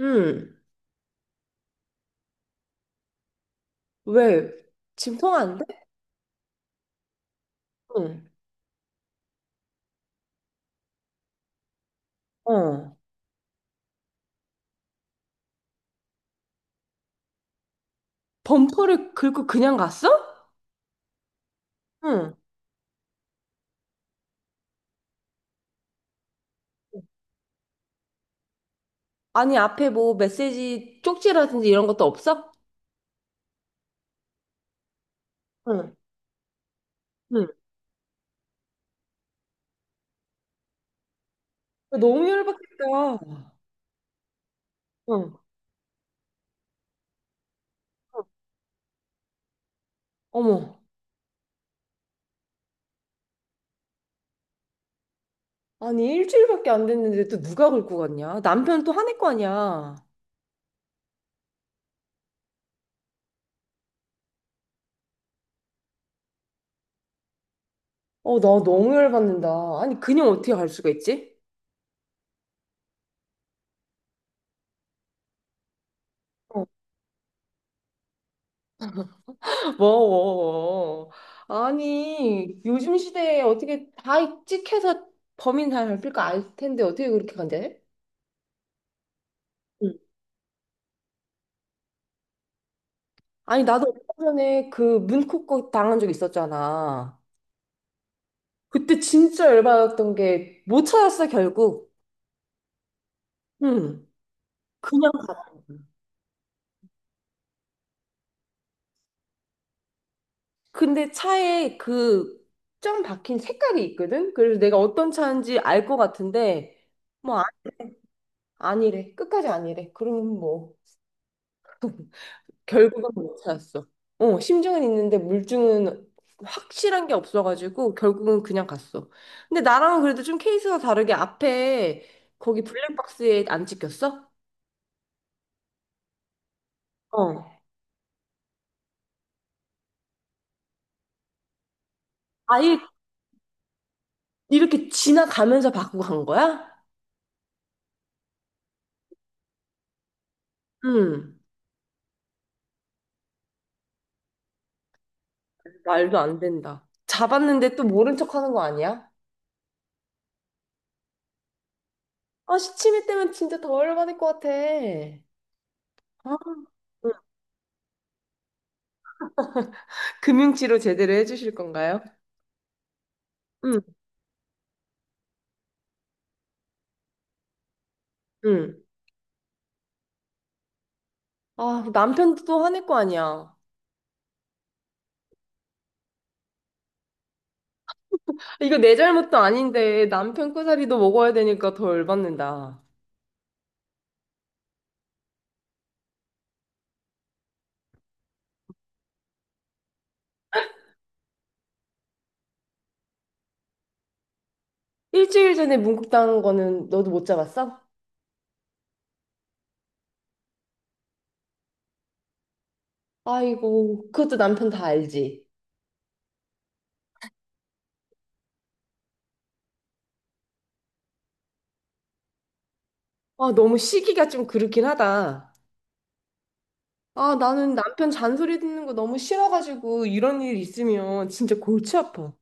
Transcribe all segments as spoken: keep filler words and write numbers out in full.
응. 왜? 지금 통화 안 돼? 응. 어. 범퍼를 긁고 그냥 갔어? 응. 아니, 앞에 뭐 메시지 쪽지라든지 이런 것도 없어? 응. 응. 너무 열받겠다. 응. 어머. 아니, 일주일밖에 안 됐는데 또 누가 긁고 갔냐? 남편 또 화낼 거 아니야. 어, 나 너무 열받는다. 아니, 그냥 어떻게 갈 수가 있지? 뭐, 아니, 요즘 시대에 어떻게 다 찍혀서 범인 다 잡힐 거 알 텐데 어떻게 그렇게 간대? 응. 아니, 나도 얼마 전에 그 문콕 거 당한 적 있었잖아. 그때 진짜 열받았던 게 못 찾았어, 결국. 응. 그냥, 근데 차에 그 점 박힌 색깔이 있거든? 그래서 내가 어떤 차인지 알 것 같은데, 뭐, 아, 아니래. 끝까지 아니래. 그러면 뭐. 결국은 못 찾았어. 어, 심증은 있는데 물증은 확실한 게 없어가지고 결국은 그냥 갔어. 근데 나랑은 그래도 좀 케이스가 다르게 앞에 거기 블랙박스에 안 찍혔어? 어. 아예 이렇게 지나가면서 받고 간 거야? 응. 말도 안 된다. 잡았는데 또 모른 척 하는 거 아니야? 아, 시치미 때문에 진짜 더 열받을 것 같아. 아, 응. 금융치료 제대로 해주실 건가요? 응, 응. 아, 남편도 또 화낼 거 아니야. 이거 내 잘못도 아닌데 남편 꼬사리도 먹어야 되니까 더 열받는다. 일주일 전에 문국당한 거는 너도 못 잡았어? 아이고, 그것도 남편 다 알지. 아, 너무 시기가 좀 그렇긴 하다. 아, 나는 남편 잔소리 듣는 거 너무 싫어가지고 이런 일 있으면 진짜 골치 아파.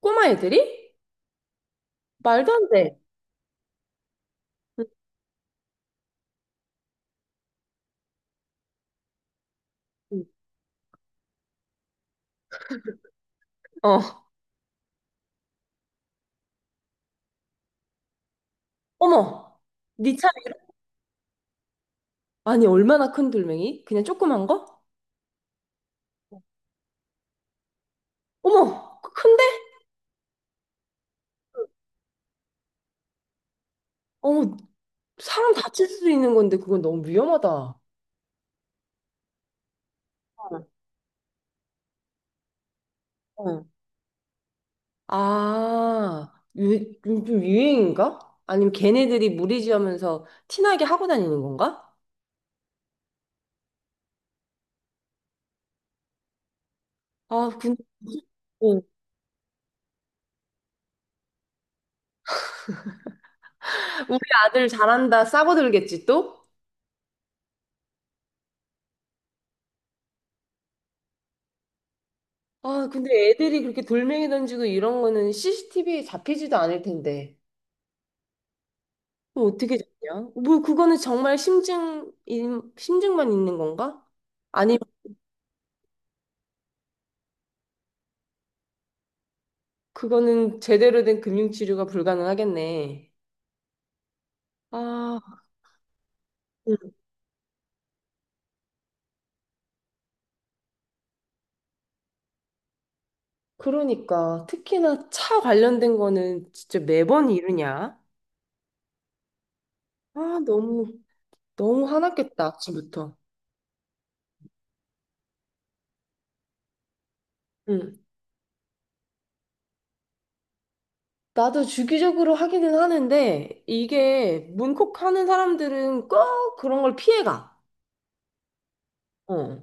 꼬마 애들이? 말도 안 돼. 응, 응. 어, 어머, 니 차. 아니, 얼마나 큰 돌멩이? 그냥 조그만 거? 어머, 큰데? 어머, 사람 다칠 수도 있는 건데 그건 너무 위험하다. 어. 아, 유, 요즘 유행인가? 아니면 걔네들이 무리지으면서 티나게 하고 다니는 건가? 아, 근데 어, 우리 아들 잘한다 싸워들겠지 또? 아, 근데 애들이 그렇게 돌멩이 던지고 이런 거는 씨씨티비에 잡히지도 않을 텐데. 뭐 어떻게 잡냐? 뭐 그거는 정말 심증, 인- 심증만 있는 건가? 아니 그거는 제대로 된 금융치료가 불가능하겠네. 아, 그러니까 특히나 차 관련된 거는 진짜 매번 이러냐? 아, 너무 너무 화났겠다, 아침부터. 응. 나도 주기적으로 하기는 하는데 이게 문콕하는 사람들은 꼭 그런 걸 피해가. 어.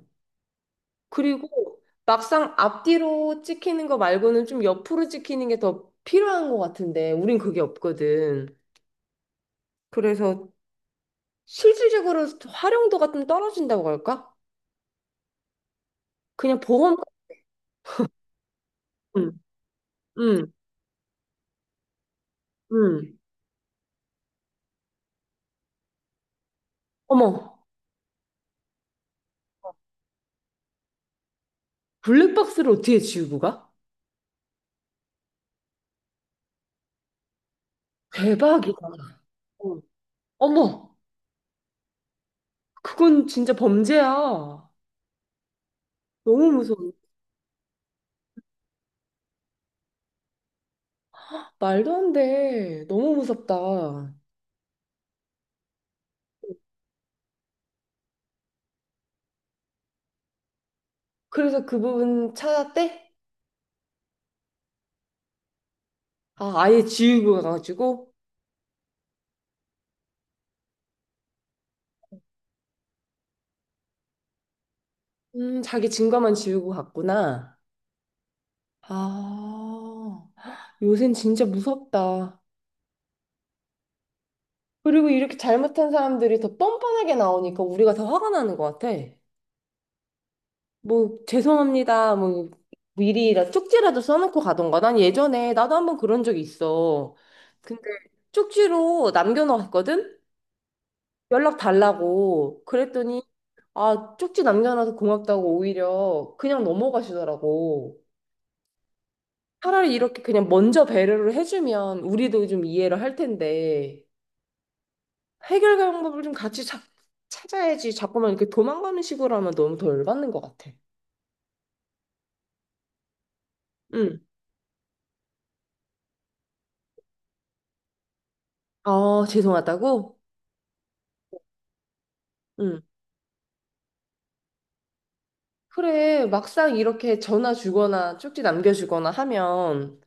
그리고 막상 앞뒤로 찍히는 거 말고는 좀 옆으로 찍히는 게 더 필요한 것 같은데 우린 그게 없거든. 그래서 실질적으로 활용도가 좀 떨어진다고 할까? 그냥 보험. 응, 응, 응. 어머. 블랙박스를 어떻게 지우고 가? 대박이다. 어. 어머, 그건 진짜 범죄야. 너무 무서워. 말도 안 돼. 너무 무섭다. 그래서 그 부분 찾았대? 아, 아예 지우고 가가지고? 음, 자기 증거만 지우고 갔구나. 아, 요샌 진짜 무섭다. 그리고 이렇게 잘못한 사람들이 더 뻔뻔하게 나오니까 우리가 더 화가 나는 것 같아. 뭐 죄송합니다. 뭐 미리 라- 쪽지라도 써놓고 가던가. 난 예전에 나도 한번 그런 적이 있어. 근데 쪽지로 남겨놓았거든? 연락 달라고. 그랬더니 아 쪽지 남겨놔서 고맙다고 오히려 그냥 넘어가시더라고. 차라리 이렇게 그냥 먼저 배려를 해주면 우리도 좀 이해를 할 텐데 해결 방법을 좀 같이 찾, 찾아야지 자꾸만 이렇게 도망가는 식으로 하면 너무 덜 받는 것 같아. 응. 아 죄송하다고? 응. 그래, 막상 이렇게 전화 주거나 쪽지 남겨주거나 하면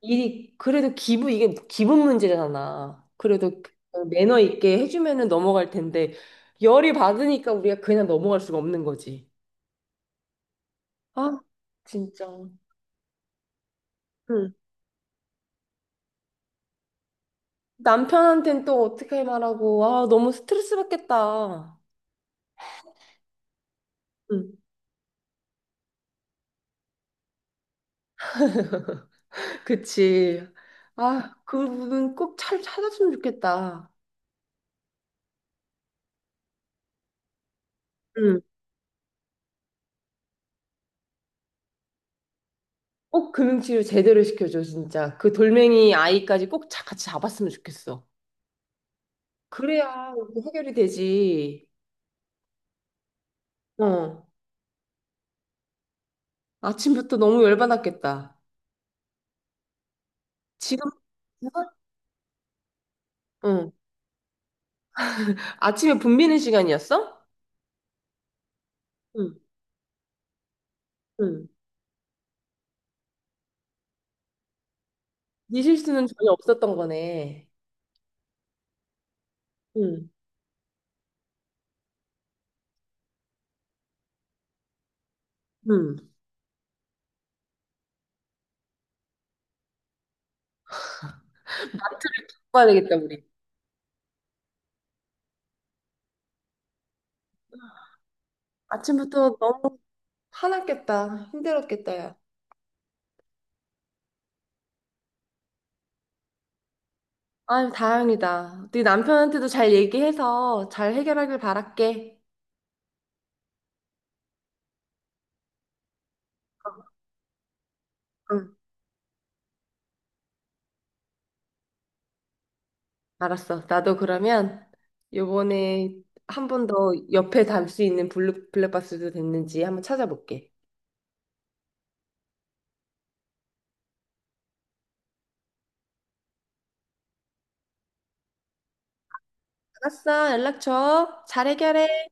일이 그래도 기부 이게 기분 문제잖아. 그래도 매너 있게 해주면은 넘어갈 텐데 열이 받으니까 우리가 그냥 넘어갈 수가 없는 거지. 아, 진짜. 응. 남편한텐 또 어떻게 말하고 아, 너무 스트레스 받겠다. 응. 그치. 아, 그분은 꼭 잘 찾았으면 좋겠다. 꼭 금융치료 제대로 시켜줘, 진짜. 그 돌멩이 아이까지 꼭 자- 같이 잡았으면 좋겠어. 그래야 이거 해결이 되지. 어. 아침부터 너무 열받았겠다. 지금, 응. 아침에 분비는 시간이었어? 응, 응. 네 실수는 전혀 없었던 거네. 응, 응. 마트를 가야 되겠다, 우리. 아침부터 너무 화났겠다. 힘들었겠다, 야. 아유, 다행이다. 네 남편한테도 잘 얘기해서 잘 해결하길 바랄게. 응. 알았어. 나도 그러면 요번에 한 번 더 옆에 달 수 있는 블루, 블랙박스도 됐는지 한번 찾아볼게. 알았어. 연락 줘. 잘 해결해.